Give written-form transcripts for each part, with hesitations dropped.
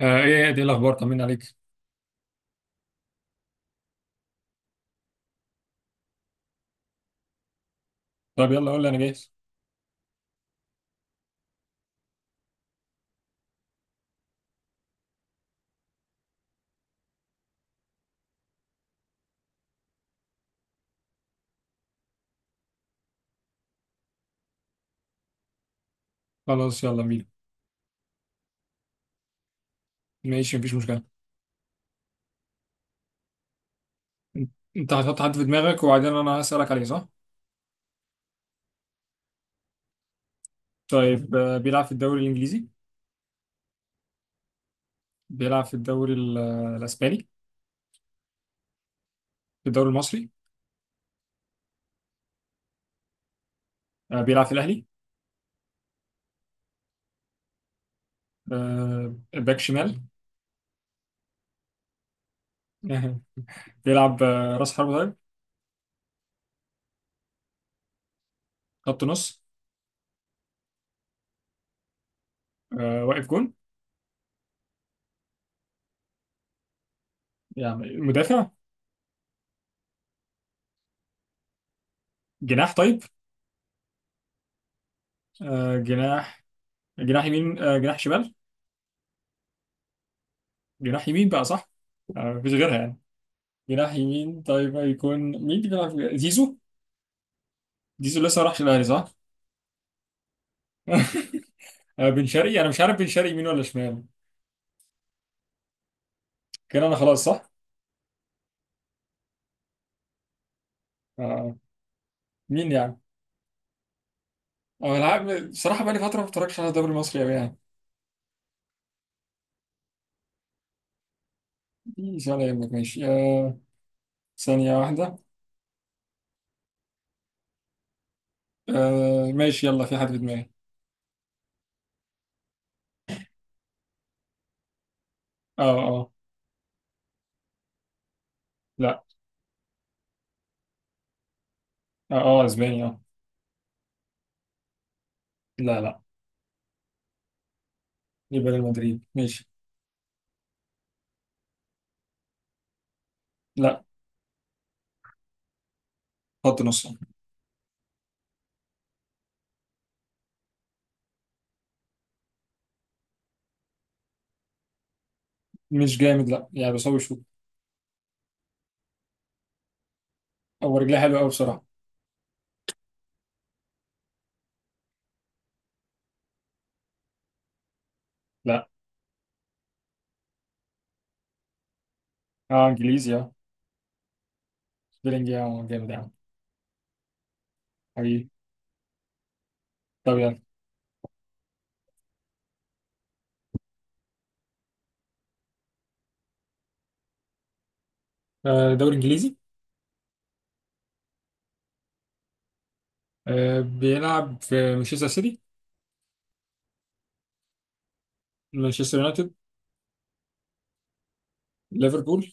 ايه يا دي الاخبار طمنا عليك. طب يلا قول لي انا جاهز. خلاص يلا بينا. ماشي مفيش مشكله. انت أنت هتحط حد في دماغك، وبعدين انا هسالك عليه، صح؟ طيب، بيلعب في الدوري الانجليزي؟ بيلعب في الدوري ال- آه، الاسباني؟ في الدوري المصري؟ بيلعب في الاهلي؟ باك شمال؟ بيلعب راس حربة؟ طيب، خط نص؟ واقف جون؟ يعني مدافع؟ جناح طيب؟ جناح. جناح يمين جناح شمال؟ جناح يمين بقى، صح؟ مفيش غيرها يعني. جناح يمين طيب، هيكون مين اللي زيزو؟ زيزو لسه راح الاهلي صح؟ بن شرقي، انا مش عارف بن شرقي يمين ولا شمال. كان انا خلاص صح؟ آه. مين يعني؟ أو العاب بصراحة، بقالي فترة ما بتفرجش على الدوري المصري أوي يعني. مش ولا يهمك، ماشي آه. ثانية واحدة. آه. ماشي يلا في حد في دماغي. اه اه. لا. اه. اه اسباني اه. لا لا. يبقى ريال مدريد ماشي. لا. خط نص. مش جامد لا يعني، بس هو شوط. هو رجليه حلوة أوي بصراحة. لا. اه انجليزي اه. بيلينجهام؟ آه، جامد يعني. حقيقي. طب يعني، آه، دوري انجليزي. آه، بيلعب في مانشستر سيتي؟ مانشستر يونايتد؟ ليفربول؟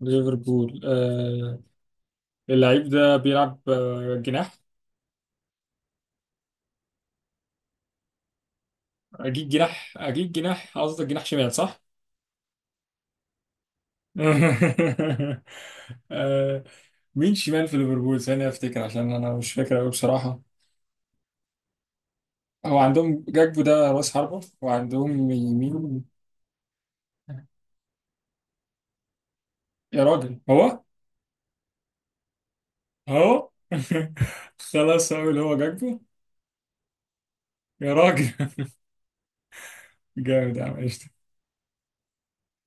ليفربول، آه. اللعيب ده بيلعب آه، جناح. اجيب جناح، اجيب جناح قصدك، جناح شمال صح؟ آه، مين شمال في ليفربول ثانية افتكر، عشان انا مش فاكر قوي بصراحة. هو عندهم جاكبو ده راس حربة، وعندهم يمين. يا راجل هو، هو. خلاص هقول هو جاكبو. يا راجل. جامد يا عم.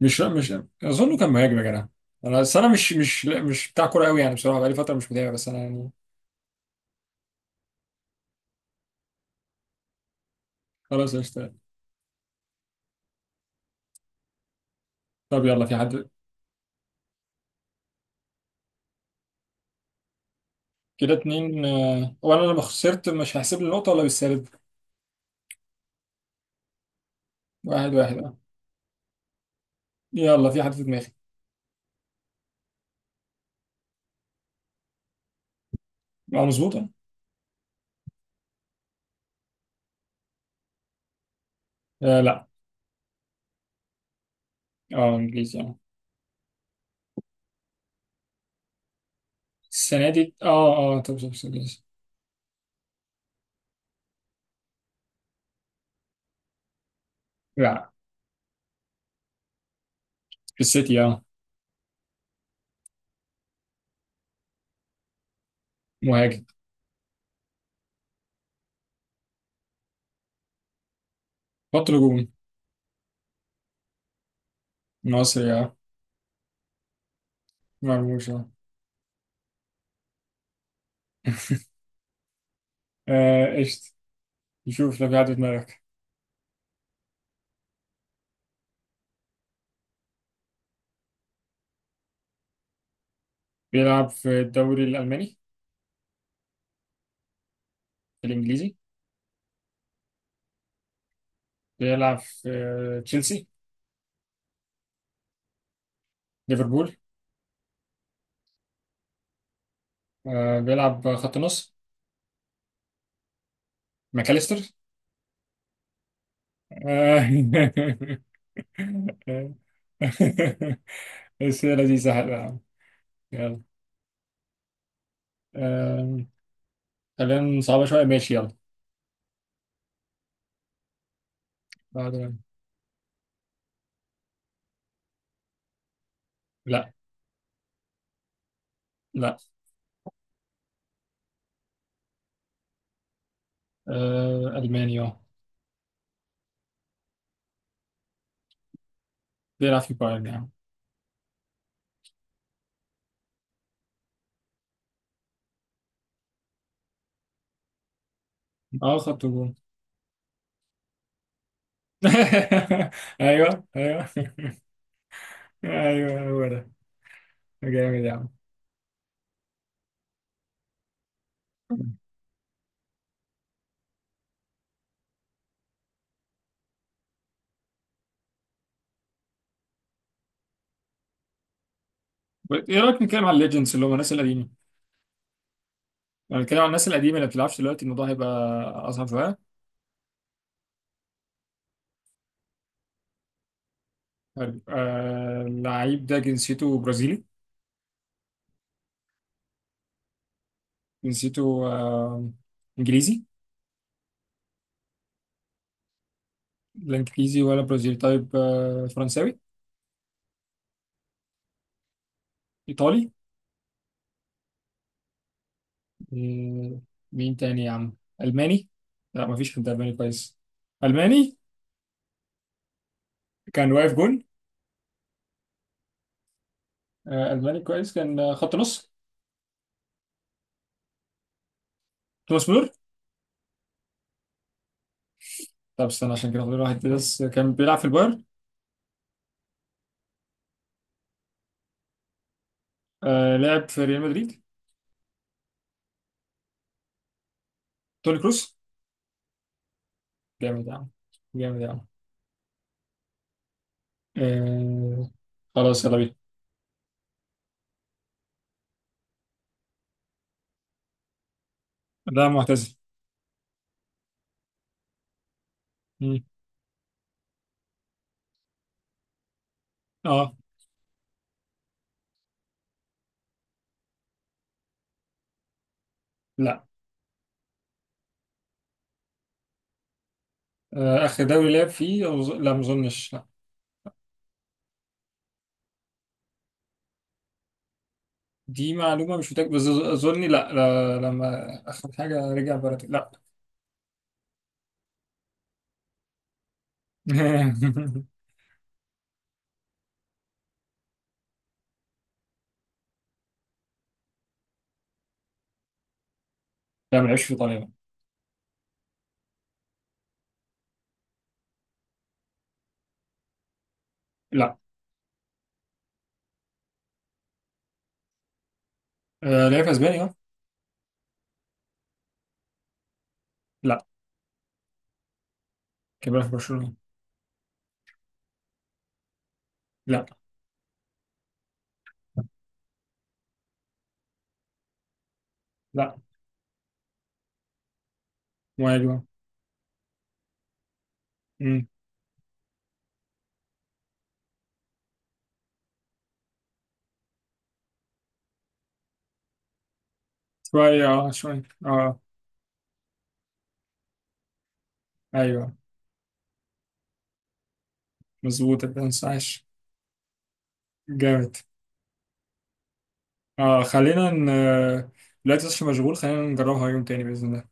مش. اظنه كان مهاجم يا جدع. انا مش بتاع كوره قوي يعني، بصراحه بقالي فتره مش متابع، بس انا يعني. خلاص قشطه. طب يلا في حد. كده اتنين آه، هو انا لما خسرت مش هحسب لي النقطه ولا بالسالب؟ واحد واحد اه. يلا في حد في دماغي. اه مظبوطه. آه لا. اه انجليزي اه. السنه دي اه اه، انجليزي. لا. في السيتي اه. مهاجم. خط هجوم. مصري اه. مرموش اه. آه، قشطه. نشوف لو في حد في دماغك. بيلعب في الدوري الالماني؟ الانجليزي؟ بيلعب في آه، تشيلسي؟ ليفربول؟ آه، بيلعب خط نص. ماكاليستر؟ آه. بس هي لذيذة حلوة يا عم. يلا. آه، خلينا صعبة شوية، ماشي يلا. بعد-، لا. لا. آه، ألماني اه. بيلعب في بايرن يعني. اه خط هجوم. ايوه ايوه. ايوه هو ده. جامد يا عم. ايه رايك نتكلم على الليجندز اللي هم الناس القديمه؟ لو نتكلم على الناس القديمه اللي ما بتلعبش دلوقتي، الموضوع هيبقى اصعب شويه. حلو. آه اللعيب ده جنسيته برازيلي؟ جنسيته آه، انجليزي؟ لا انجليزي ولا برازيلي، طيب آه فرنساوي؟ ايطالي؟ آه، مين تاني يا عم، الماني؟ لا مفيش حد الماني كويس. الماني. كان واقف جون؟ آه الماني كويس كان آه، خط نص. توماس مولر؟ طب استنى، عشان كده فاضل واحد بس كان بيلعب في البايرن. آه لعب في ريال مدريد. توني كروس؟ جامد يا عم. جامد يا عم. آه. خلاص يلا بينا. ده معتزل. مم. اه. لا. آه، آخر دوري لعب فيه لا، ما أظنش لا. دي معلومة مش متأكد بس أظني لا، لا، لما آخر حاجة رجع بلد، لا. لا، ما لعبش في إيطاليا. لا. آه، لعب في أسبانيا أه. لا. كان بيلعب في برشلونة. لا. لا. وأيوه. أمم. شوية أه، شوية أه. أيوه. مظبوط، أنت مش عايش. جامد. أه خلينا آه، دلوقتي مش مشغول، خلينا نجربها يوم تاني بإذن الله.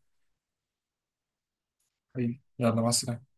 حبيبي يلا مع السلامة.